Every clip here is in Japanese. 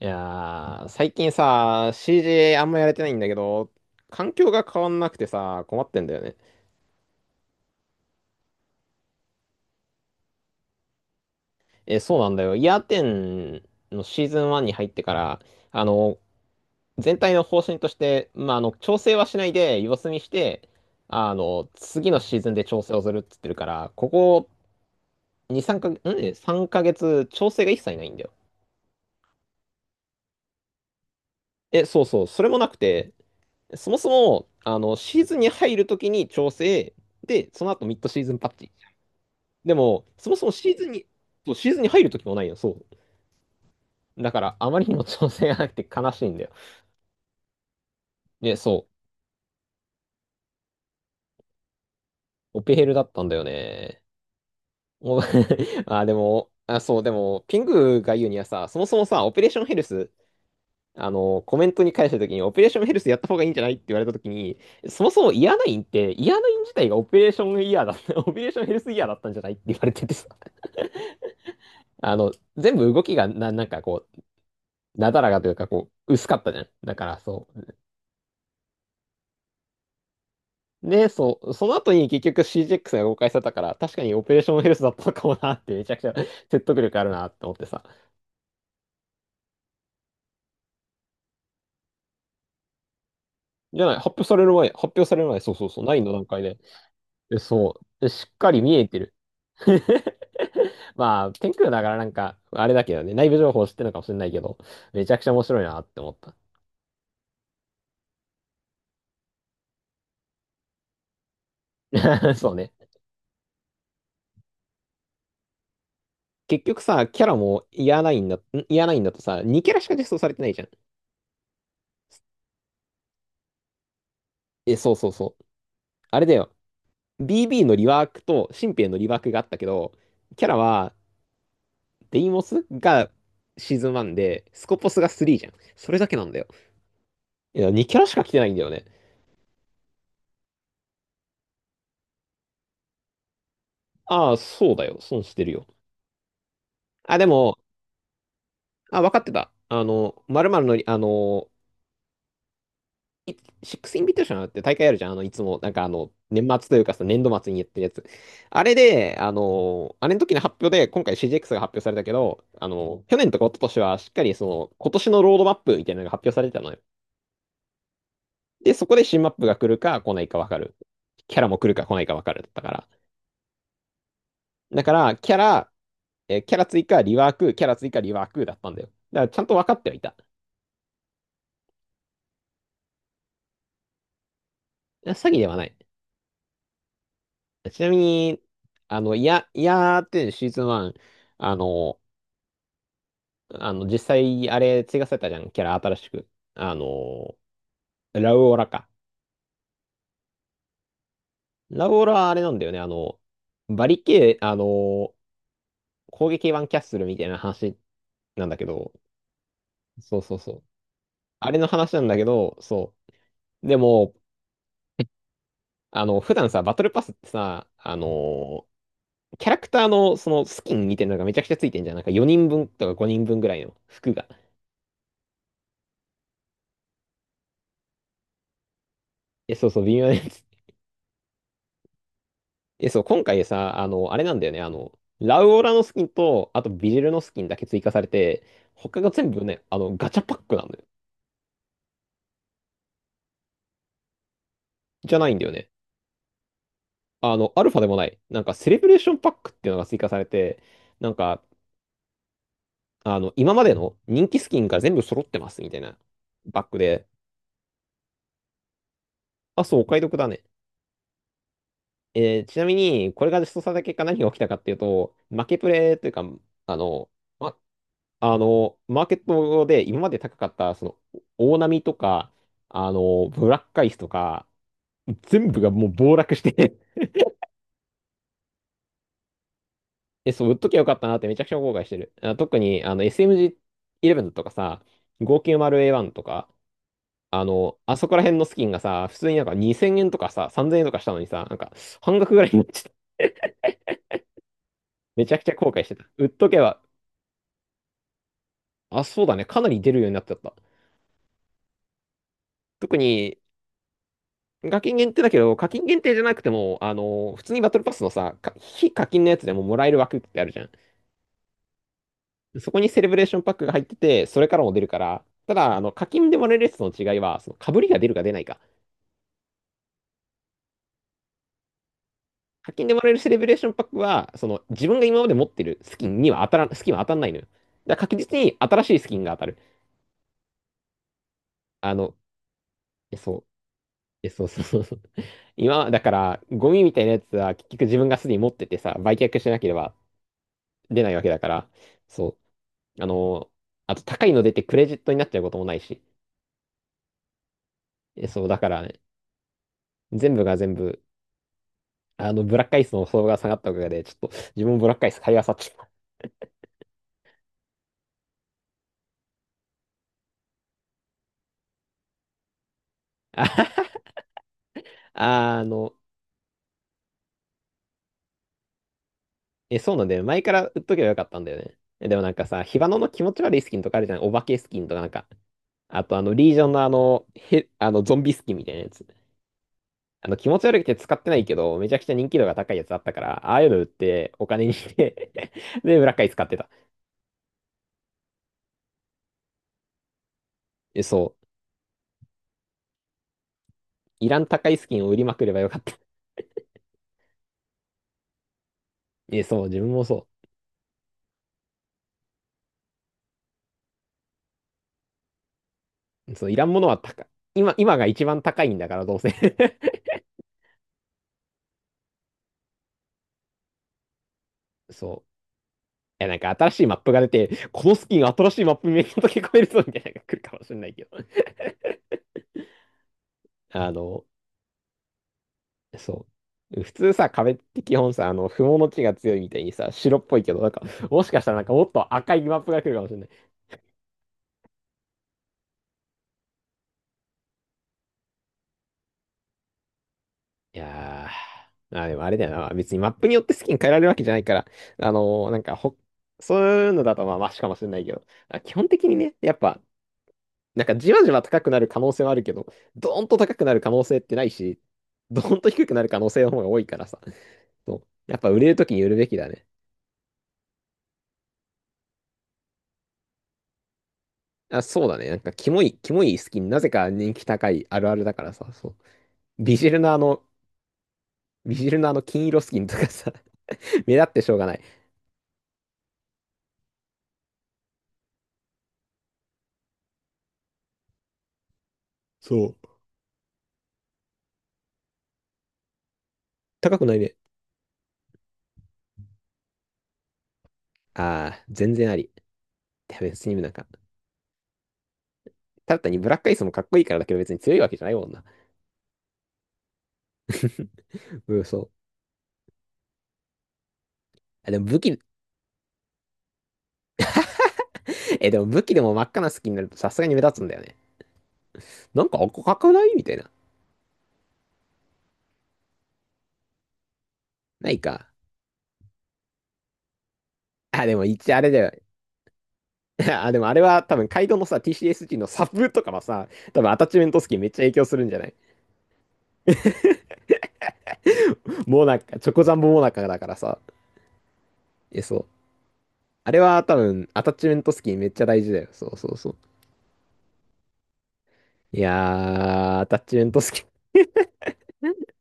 最近さ、CJ あんまやれてないんだけど、環境が変わんなくてさ、困ってんだよね。え、そうなんだよ。イヤーテンのシーズン1に入ってから、あの、全体の方針として、調整はしないで様子見して、次のシーズンで調整をするっつってるから、ここ2、3かげつ、3 ヶ月調整が一切ないんだよ。え、そうそう、それもなくて、そもそも、シーズンに入るときに調整、で、その後ミッドシーズンパッチ。でも、そもそもシーズンに、そう、シーズンに入る時もないよ、そう。だから、あまりにも調整がなくて悲しいんだよ。で、そう、オペヘルだったんだよね。お あ、でも、あ、そう、でも、ピングが言うにはさ、そもそもさ、オペレーションヘルス、コメントに返した時に、オペレーションヘルスやった方がいいんじゃないって言われた時に、そもそもイヤナインって、イヤナイン自体がオペレーションイヤーだった、オペレーションヘルスイヤーだったんじゃないって言われててさ、あの、全部動きがなだらかというか、こう、薄かったじゃん。だから、そう。で、そう、その後に結局 CGX が公開されたから、確かにオペレーションヘルスだったのかもなって、めちゃくちゃ 説得力あるなって思ってさ。じゃない、発表される前、そうそうそう、9の段階で。で、そう、でしっかり見えてる。まあ、天空だからなんか、あれだけどね、内部情報知ってるのかもしれないけど、めちゃくちゃ面白いなって思った。そうね。結局さ、キャラもイヤーナインだ、んイヤーナインだとさ、2キャラしか実装されてないじゃん。え、そうそうそう。あれだよ。BB のリワークと新兵のリワークがあったけど、キャラはデイモスがシーズン1で、スコポスが3じゃん。それだけなんだよ。いや、2キャラしか来てないんだよね。ああ、そうだよ。損してるよ。あ、でも、あ、分かってた。まるまるのいシックスインビテーションって大会あるじゃん。いつも、年末というかさ、年度末にやってるやつ。あれで、あれの時の発表で、今回 CGX が発表されたけど、去年とか一昨年はしっかりその、今年のロードマップみたいなのが発表されてたのよ。で、そこで新マップが来るか来ないか分かる。キャラも来るか来ないか分かるだったから。だから、キャラ、えーキャラ追加、リワーク、キャラ追加、リワークだったんだよ。だから、ちゃんと分かってはいた。詐欺ではない。ちなみに、いやーってシーズン1、あの、実際、あれ、追加されたじゃん、キャラ新しく。あの、ラウオラか。ラウオラはあれなんだよね、あの、バリケー、あの、攻撃版キャッスルみたいな話なんだけど、そうそうそう。あれの話なんだけど、そう。でも、普段さ、バトルパスってさ、ーキャラクターのそのスキンみたいなのがめちゃくちゃついてんじゃん。なんか4人分とか5人分ぐらいの服が。え、そうそう、微妙なやつ。え、そう、今回さ、あれなんだよね。ラウオラのスキンと、あとビジルのスキンだけ追加されて、他が全部ね、ガチャパックなんだよ。じゃないんだよね。アルファでもない。なんか、セレブレーションパックっていうのが追加されて、なんか、今までの人気スキンが全部揃ってますみたいなバッグで、あ、そう、お買い得だね。えーちなみに、これが実装された結果何が起きたかっていうと、負けプレイというか、あの、ま、あの、マーケットで今まで高かった、その、大波とか、ブラックアイスとか、全部がもう暴落して え、そう、売っときゃよかったなってめちゃくちゃ後悔してる。特に、SMG11 とかさ、590A1 とか、あそこら辺のスキンがさ、普通になんか2000円とかさ、3000円とかしたのにさ、なんか半額ぐらいになっちゃった。めちゃくちゃ後悔してた。売っとけば、あ、そうだね。かなり出るようになっちゃった。特に、課金限定だけど、課金限定じゃなくても、普通にバトルパスのさ、か非課金のやつでももらえる枠ってあるじゃん。そこにセレブレーションパックが入ってて、それからも出るから、ただ、課金でもらえるやつとの違いは、その、被りが出るか出ないか。課金でもらえるセレブレーションパックは、その、自分が今まで持ってるスキンには当たらん、スキンは当たんないのよ。だから確実に新しいスキンが当たる。あの、え、そう、え、そうそうそうそう。今、だから、ゴミみたいなやつは結局自分がすでに持っててさ、売却しなければ出ないわけだから、そう。あと高いの出てクレジットになっちゃうこともないし、えそう、だからね、全部が全部、ブラックアイスの相場が下がったおかげで、ちょっと自分もブラックアイス買い漁っちゃった。あ、の、え、そうなんだよね、前から売っとけばよかったんだよね。えでもなんかさ、ヒバノの気持ち悪いスキンとかあるじゃん。お化けスキンとかなんか。あとあの、リージョンのあの、へ、あの、ゾンビスキンみたいなやつ。気持ち悪くて使ってないけど、めちゃくちゃ人気度が高いやつあったから、ああいうの売ってお金にして で、ブラックアイス買ってた。え、そう。いらん高いスキンを売りまくればよかった。え、そう、自分もそう。そう、いらんものは高い。今が一番高いんだから、どうせ。そう。いや、なんか新しいマップが出て、このスキン新しいマップめっちゃ溶け込めるぞみたいなのが来るかもしれないけど。あの、そう。普通さ、壁って基本さ、不毛の地が強いみたいにさ、白っぽいけど、なんか、もしかしたらなんかもっと赤いマップが来るかもしれない。いやー、まあ、でもあれだよな。別にマップによってスキン変えられるわけじゃないから、あのーなんかほ、そういうのだとまあマシかもしれないけど、あ基本的にね、やっぱ、なんかじわじわ高くなる可能性はあるけど、ドーンと高くなる可能性ってないし、ドーンと低くなる可能性の方が多いからさ。そう。やっぱ売れるときに売るべきだね。あ、そうだね。なんか、キモいスキン、なぜか人気高いあるあるだからさ、そう。ビジルのあの、ビジルのあの金色スキンとかさ、目立ってしょうがない。そう。高くないね。ああ、全然あり。や別になんか、ただ単にブラックアイスもかっこいいからだけど別に強いわけじゃないもんな。うん、そう。あでも武器、え、でも武器でも真っ赤なスキンになるとさすがに目立つんだよね。なんか赤くないみたいな。ないか。あ、でも一応あれだよ。あ、でもあれは多分カイドウのさ、TCSG のサブとかはさ、多分アタッチメントスキンめっちゃ影響するんじゃない？もうなんか、チョコザンボモナカだからさ。え、そう。あれは多分アタッチメントスキンめっちゃ大事だよ。そうそうそう。いやー、アタッチメントスキン。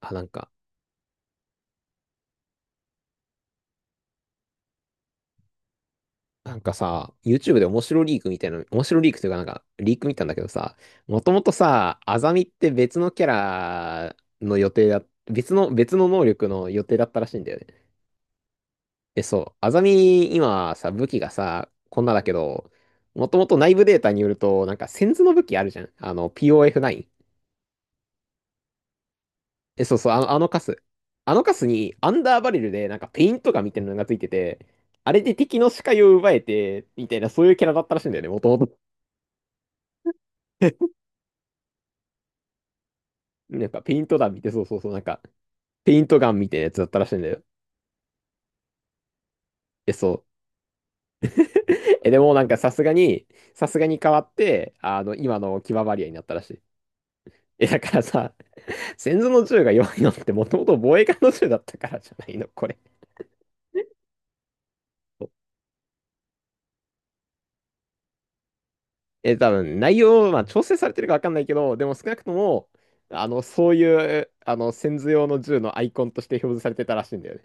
あ、なんか、なんかさ、YouTube で面白リークみたいな、面白リークというかなんか、リーク見たんだけどさ、もともとさ、アザミって別の、別の能力の予定だったらしいんだよね。え、そう、アザミ、今さ、武器がさ、こんなだけど、もともと内部データによると、なんか、センズの武器あるじゃん。あの、POF9。え、そうそう、あのカス。あのカスに、アンダーバレルで、なんか、ペイントガンみたいなのがついてて、あれで敵の視界を奪えて、みたいな、そういうキャラだったらしいんだよね、もともと。なんかペイント弾見て、そうそうそう、なんか、ペイントガンみたいなやつだったらしいんだよ。え、そう。え、でもなんかさすがに、さすがに変わって、あの、今のキババリアになったらしい。え、だからさ、先祖の銃が弱いのってもともと防衛艦の銃だったからじゃないの、これ。え、多分内容、まあ調整されてるかわかんないけど、でも少なくとも、あの、そういう、あの、先祖用の銃のアイコンとして表示されてたらしいんだよね。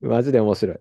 マジで面白い。